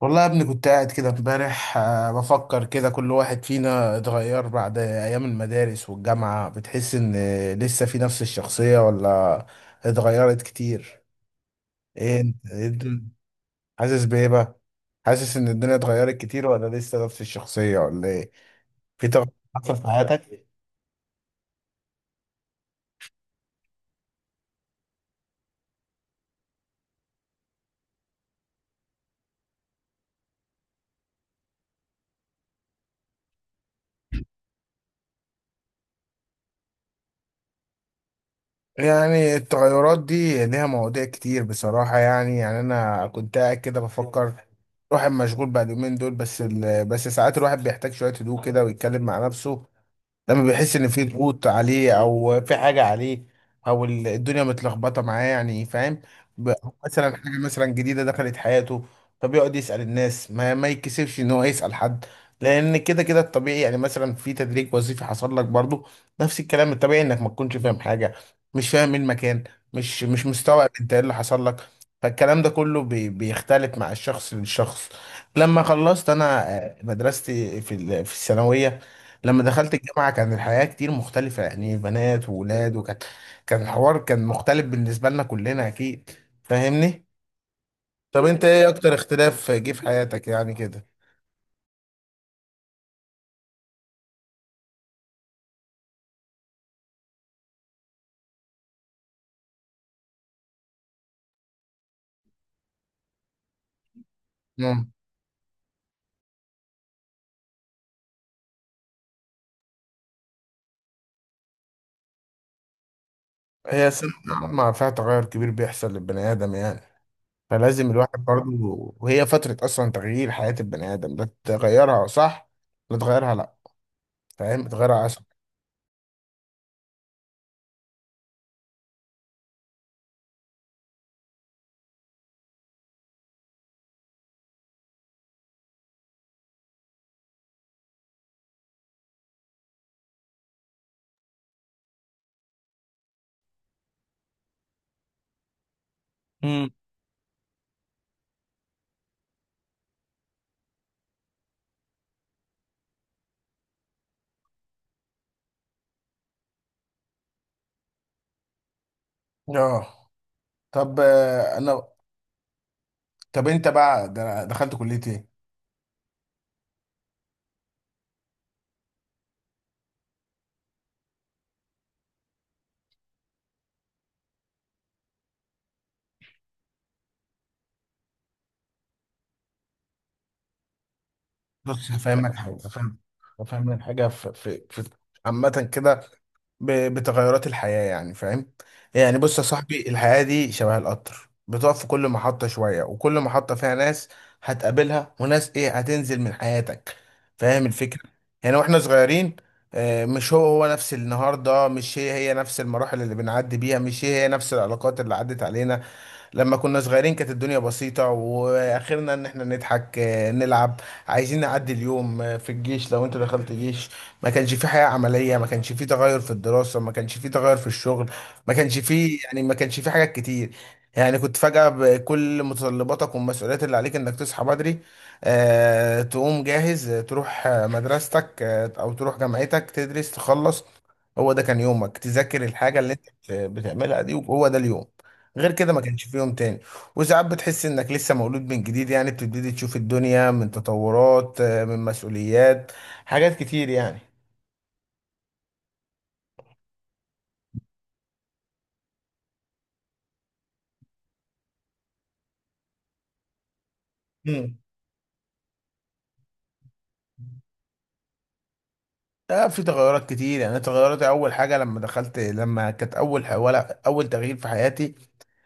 والله يا ابني، كنت قاعد كده امبارح، بفكر كده. كل واحد فينا اتغير بعد ايام المدارس والجامعة. بتحس ان لسه في نفس الشخصية ولا اتغيرت كتير؟ ايه انت، إيه الدنيا؟ حاسس بايه بقى؟ حاسس ان الدنيا اتغيرت كتير ولا لسه نفس الشخصية ولا ايه؟ في تغير حصل في حياتك؟ يعني التغيرات دي ليها مواضيع كتير بصراحة. يعني أنا كنت قاعد كده بفكر. الواحد مشغول بقى اليومين دول، بس بس ساعات الواحد بيحتاج شوية هدوء كده ويتكلم مع نفسه لما بيحس ان في ضغوط عليه او في حاجه عليه، او الدنيا متلخبطه معاه، يعني فاهم. أو مثلا حاجه مثلا جديده دخلت حياته، فبيقعد يسال الناس. ما يتكسفش ان هو يسال حد، لان كده كده الطبيعي. يعني مثلا في تدريج وظيفي حصل لك برضو، نفس الكلام، الطبيعي انك ما تكونش فاهم حاجه، مش فاهم إيه المكان، مش مستوعب انت ايه اللي حصل لك. فالكلام ده كله بيختلف مع الشخص للشخص. لما خلصت انا، مدرستي في في الثانويه، لما دخلت الجامعة كان الحياة كتير مختلفة، يعني بنات وولاد، وكانت، كان الحوار كان مختلف بالنسبة لنا كلنا أكيد. فاهمني؟ طب أنت إيه أكتر اختلاف جه في حياتك يعني كده؟ مم. هي سنة الجامعة فيها تغير كبير بيحصل للبني آدم، يعني فلازم الواحد برضه. وهي فترة أصلا تغيير حياة البني آدم، لا تغيرها صح، لا تغيرها لأ. فاهم؟ تغيرها أصلا. مم. آه. طب، أنا، طب أنت بقى دخلت كلية إيه؟ بص هفهمك حاجة، هفهمك حاجة في عامة كده، بتغيرات الحياة يعني، فاهم؟ يعني بص يا صاحبي، الحياة دي شبه القطر، بتقف في كل محطة شوية، وكل محطة فيها ناس هتقابلها وناس ايه هتنزل من حياتك. فاهم الفكرة؟ يعني واحنا صغيرين، مش هو نفس النهاردة، مش هي نفس المراحل اللي بنعدي بيها، مش هي نفس العلاقات اللي عدت علينا. لما كنا صغيرين كانت الدنيا بسيطة، واخرنا ان احنا نضحك، نلعب، عايزين نعدي اليوم. في الجيش، لو انت دخلت جيش، ما كانش في حياة عملية، ما كانش في تغير في الدراسة، ما كانش في تغير في الشغل، ما كانش في، يعني ما كانش في حاجات كتير. يعني كنت فجأة بكل متطلباتك والمسؤوليات اللي عليك، انك تصحى بدري، تقوم جاهز، تروح، مدرستك، او تروح جامعتك، تدرس، تخلص. هو ده كان يومك، تذاكر الحاجة اللي انت بتعملها دي، وهو ده اليوم، غير كده ما كانش في يوم تاني. وساعات بتحس انك لسه مولود من جديد، يعني بتبتدي تشوف الدنيا من تطورات، من مسؤوليات، حاجات كتير يعني. مم. في تغيرات كتير، يعني تغيرات، اول حاجه لما دخلت، لما كانت اول، ولا اول تغيير في حياتي،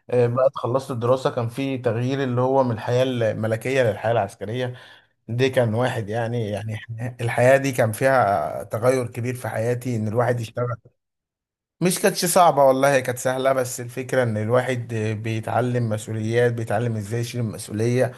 بعد خلصت الدراسه، كان في تغيير اللي هو من الحياه الملكيه للحياه العسكريه. دي كان واحد يعني، يعني الحياه دي كان فيها تغير كبير في حياتي، ان الواحد يشتغل. مش كانتش صعبة والله، هي كانت سهلة، بس الفكرة إن الواحد بيتعلم مسؤوليات، بيتعلم إزاي يشيل المسؤولية،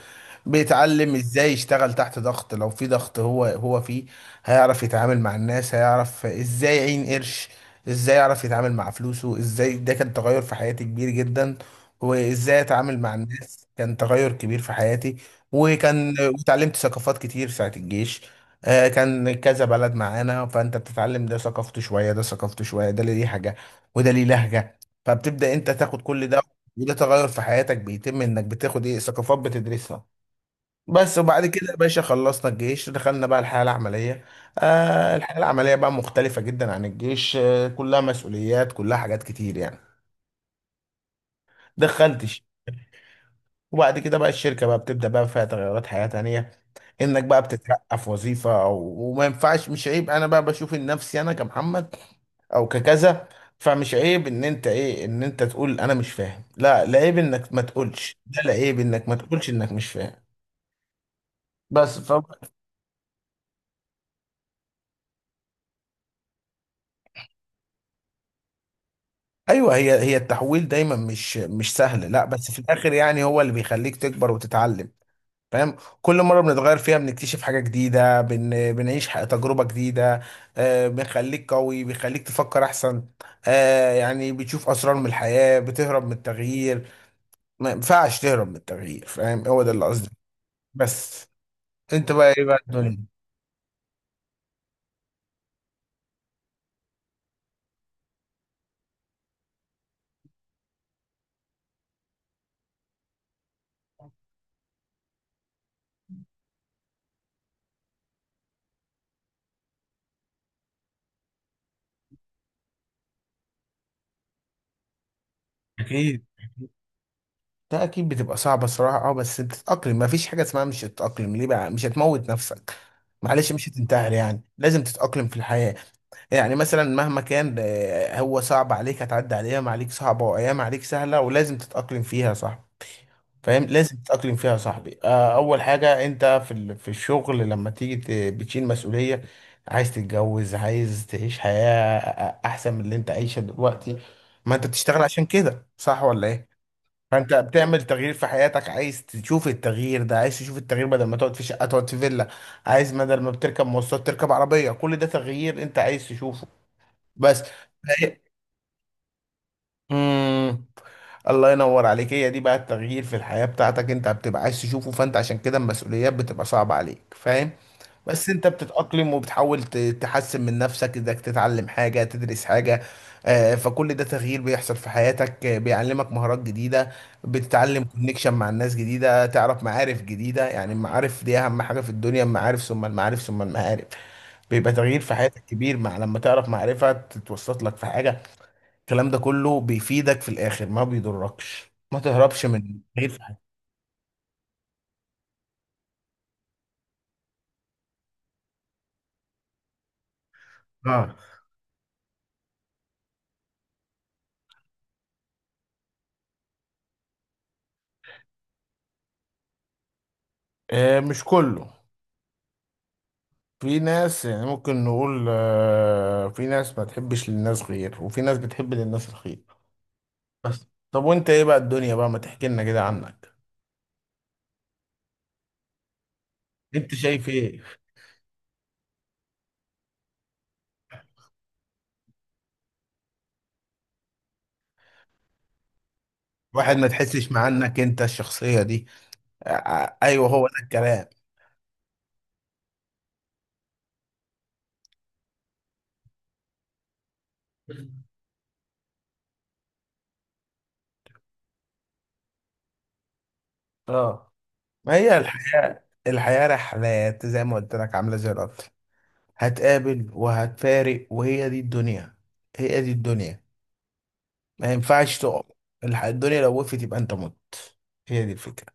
بيتعلم ازاي يشتغل تحت ضغط، لو في ضغط هو فيه، هيعرف يتعامل مع الناس، هيعرف ازاي يعين قرش، ازاي يعرف يتعامل مع فلوسه ازاي. ده كان تغير في حياتي كبير جدا. وازاي اتعامل مع الناس كان تغير كبير في حياتي. وكان، وتعلمت ثقافات كتير ساعة الجيش. كان كذا بلد معانا، فانت بتتعلم، ده ثقافته شوية، ده ثقافته شوية، ده ليه حاجة وده ليه لهجة، فبتبدأ انت تاخد كل ده. وده تغير في حياتك بيتم، انك بتاخد ايه ثقافات بتدرسها. بس، وبعد كده يا باشا خلصنا الجيش، دخلنا بقى الحياة العملية. آه، الحياة العملية بقى مختلفة جدا عن الجيش، آه كلها مسؤوليات، كلها حاجات كتير يعني. دخلتش، وبعد كده بقى الشركة بقى بتبدأ بقى فيها تغيرات حياة تانية، انك بقى بتترقى في وظيفة أو، وما ينفعش، مش عيب انا بقى بشوف إن نفسي انا كمحمد او ككذا، فمش عيب ان انت ايه، ان انت تقول انا مش فاهم. لا عيب انك ما تقولش ده، لا عيب انك ما تقولش انك مش فاهم. بس. ايوه، هي التحويل دايما مش سهل، لا بس في الاخر يعني هو اللي بيخليك تكبر وتتعلم. فاهم؟ كل مره بنتغير فيها بنكتشف حاجه جديده، بنعيش تجربه جديده، آه بنخليك قوي، بيخليك تفكر احسن، آه يعني بتشوف اسرار من الحياه. بتهرب من التغيير؟ ما ينفعش تهرب من التغيير، فاهم؟ هو ده اللي قصدي. بس انت بقى ايه بقى الدنيا؟ اكيد، ده اكيد بتبقى صعبة الصراحة، اه، بس بتتأقلم، مفيش حاجة اسمها مش هتتأقلم. ليه بقى؟ مش هتموت نفسك، معلش مش هتنتحر، يعني لازم تتأقلم في الحياة. يعني مثلا مهما كان، هو صعب عليك، هتعدي على ايام عليك صعبة وايام عليك سهلة، ولازم تتأقلم فيها، صح؟ فاهم، لازم تتأقلم فيها يا صاحبي. اول حاجة انت في في الشغل لما تيجي بتشيل مسؤولية، عايز تتجوز، عايز تعيش حياة احسن من اللي انت عايشها دلوقتي. ما انت بتشتغل عشان كده، صح ولا ايه؟ فانت بتعمل تغيير في حياتك، عايز تشوف التغيير ده، عايز تشوف التغيير بدل ما تقعد في شقه تقعد في فيلا، عايز بدل ما بتركب مواصلات تركب عربيه، كل ده تغيير انت عايز تشوفه. بس. امم. الله ينور عليك، هي دي بقى التغيير في الحياه بتاعتك انت بتبقى عايز تشوفه، فانت عشان كده المسؤوليات بتبقى صعبه عليك، فاهم. بس انت بتتأقلم وبتحاول تحسن من نفسك، انك تتعلم حاجة، تدرس حاجة، فكل ده تغيير بيحصل في حياتك، بيعلمك مهارات جديدة، بتتعلم كونكشن مع الناس جديدة، تعرف معارف جديدة. يعني المعارف دي أهم حاجة في الدنيا، المعارف ثم المعارف ثم المعارف. بيبقى تغيير في حياتك كبير مع لما تعرف معرفة تتوسط لك في حاجة. الكلام ده كله بيفيدك في الآخر، ما بيضركش، ما تهربش من تغيير في حياتك. اه. مش كله، في ناس يعني ممكن نقول، في ناس ما تحبش للناس خير، وفي ناس بتحب للناس الخير. بس طب وانت ايه بقى الدنيا بقى، ما تحكي لنا كده عنك. انت شايف ايه؟ واحد ما تحسش مع انك انت الشخصية دي؟ ايوه هو ده الكلام. اه. ما هي الحياة، الحياة رحلات زي ما قلت لك، عاملة زي القطر، هتقابل وهتفارق، وهي دي الدنيا، هي دي الدنيا. ما ينفعش تقف. الدنيا لو وقفت يبقى انت مت، هي دي الفكرة.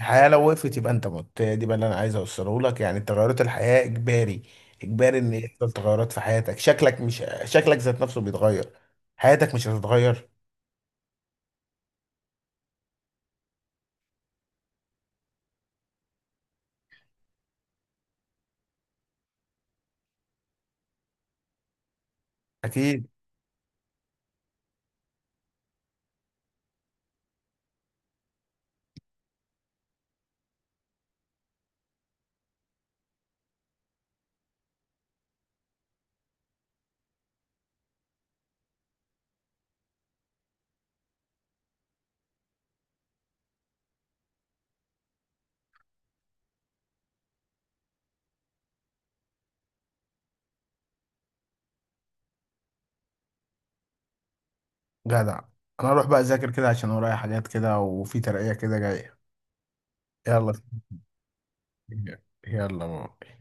الحياة لو وقفت يبقى انت مت، هي دي بقى اللي انا عايز اوصله لك، يعني تغيرات الحياة اجباري، اجباري ان يحصل تغيرات في حياتك، شكلك، مش شكلك ذات نفسه بيتغير، حياتك مش هتتغير؟ اكيد. جدع. انا اروح بقى اذاكر كده، عشان ورايا حاجات كده وفي ترقية كده جاية. يلا. يلا بقى.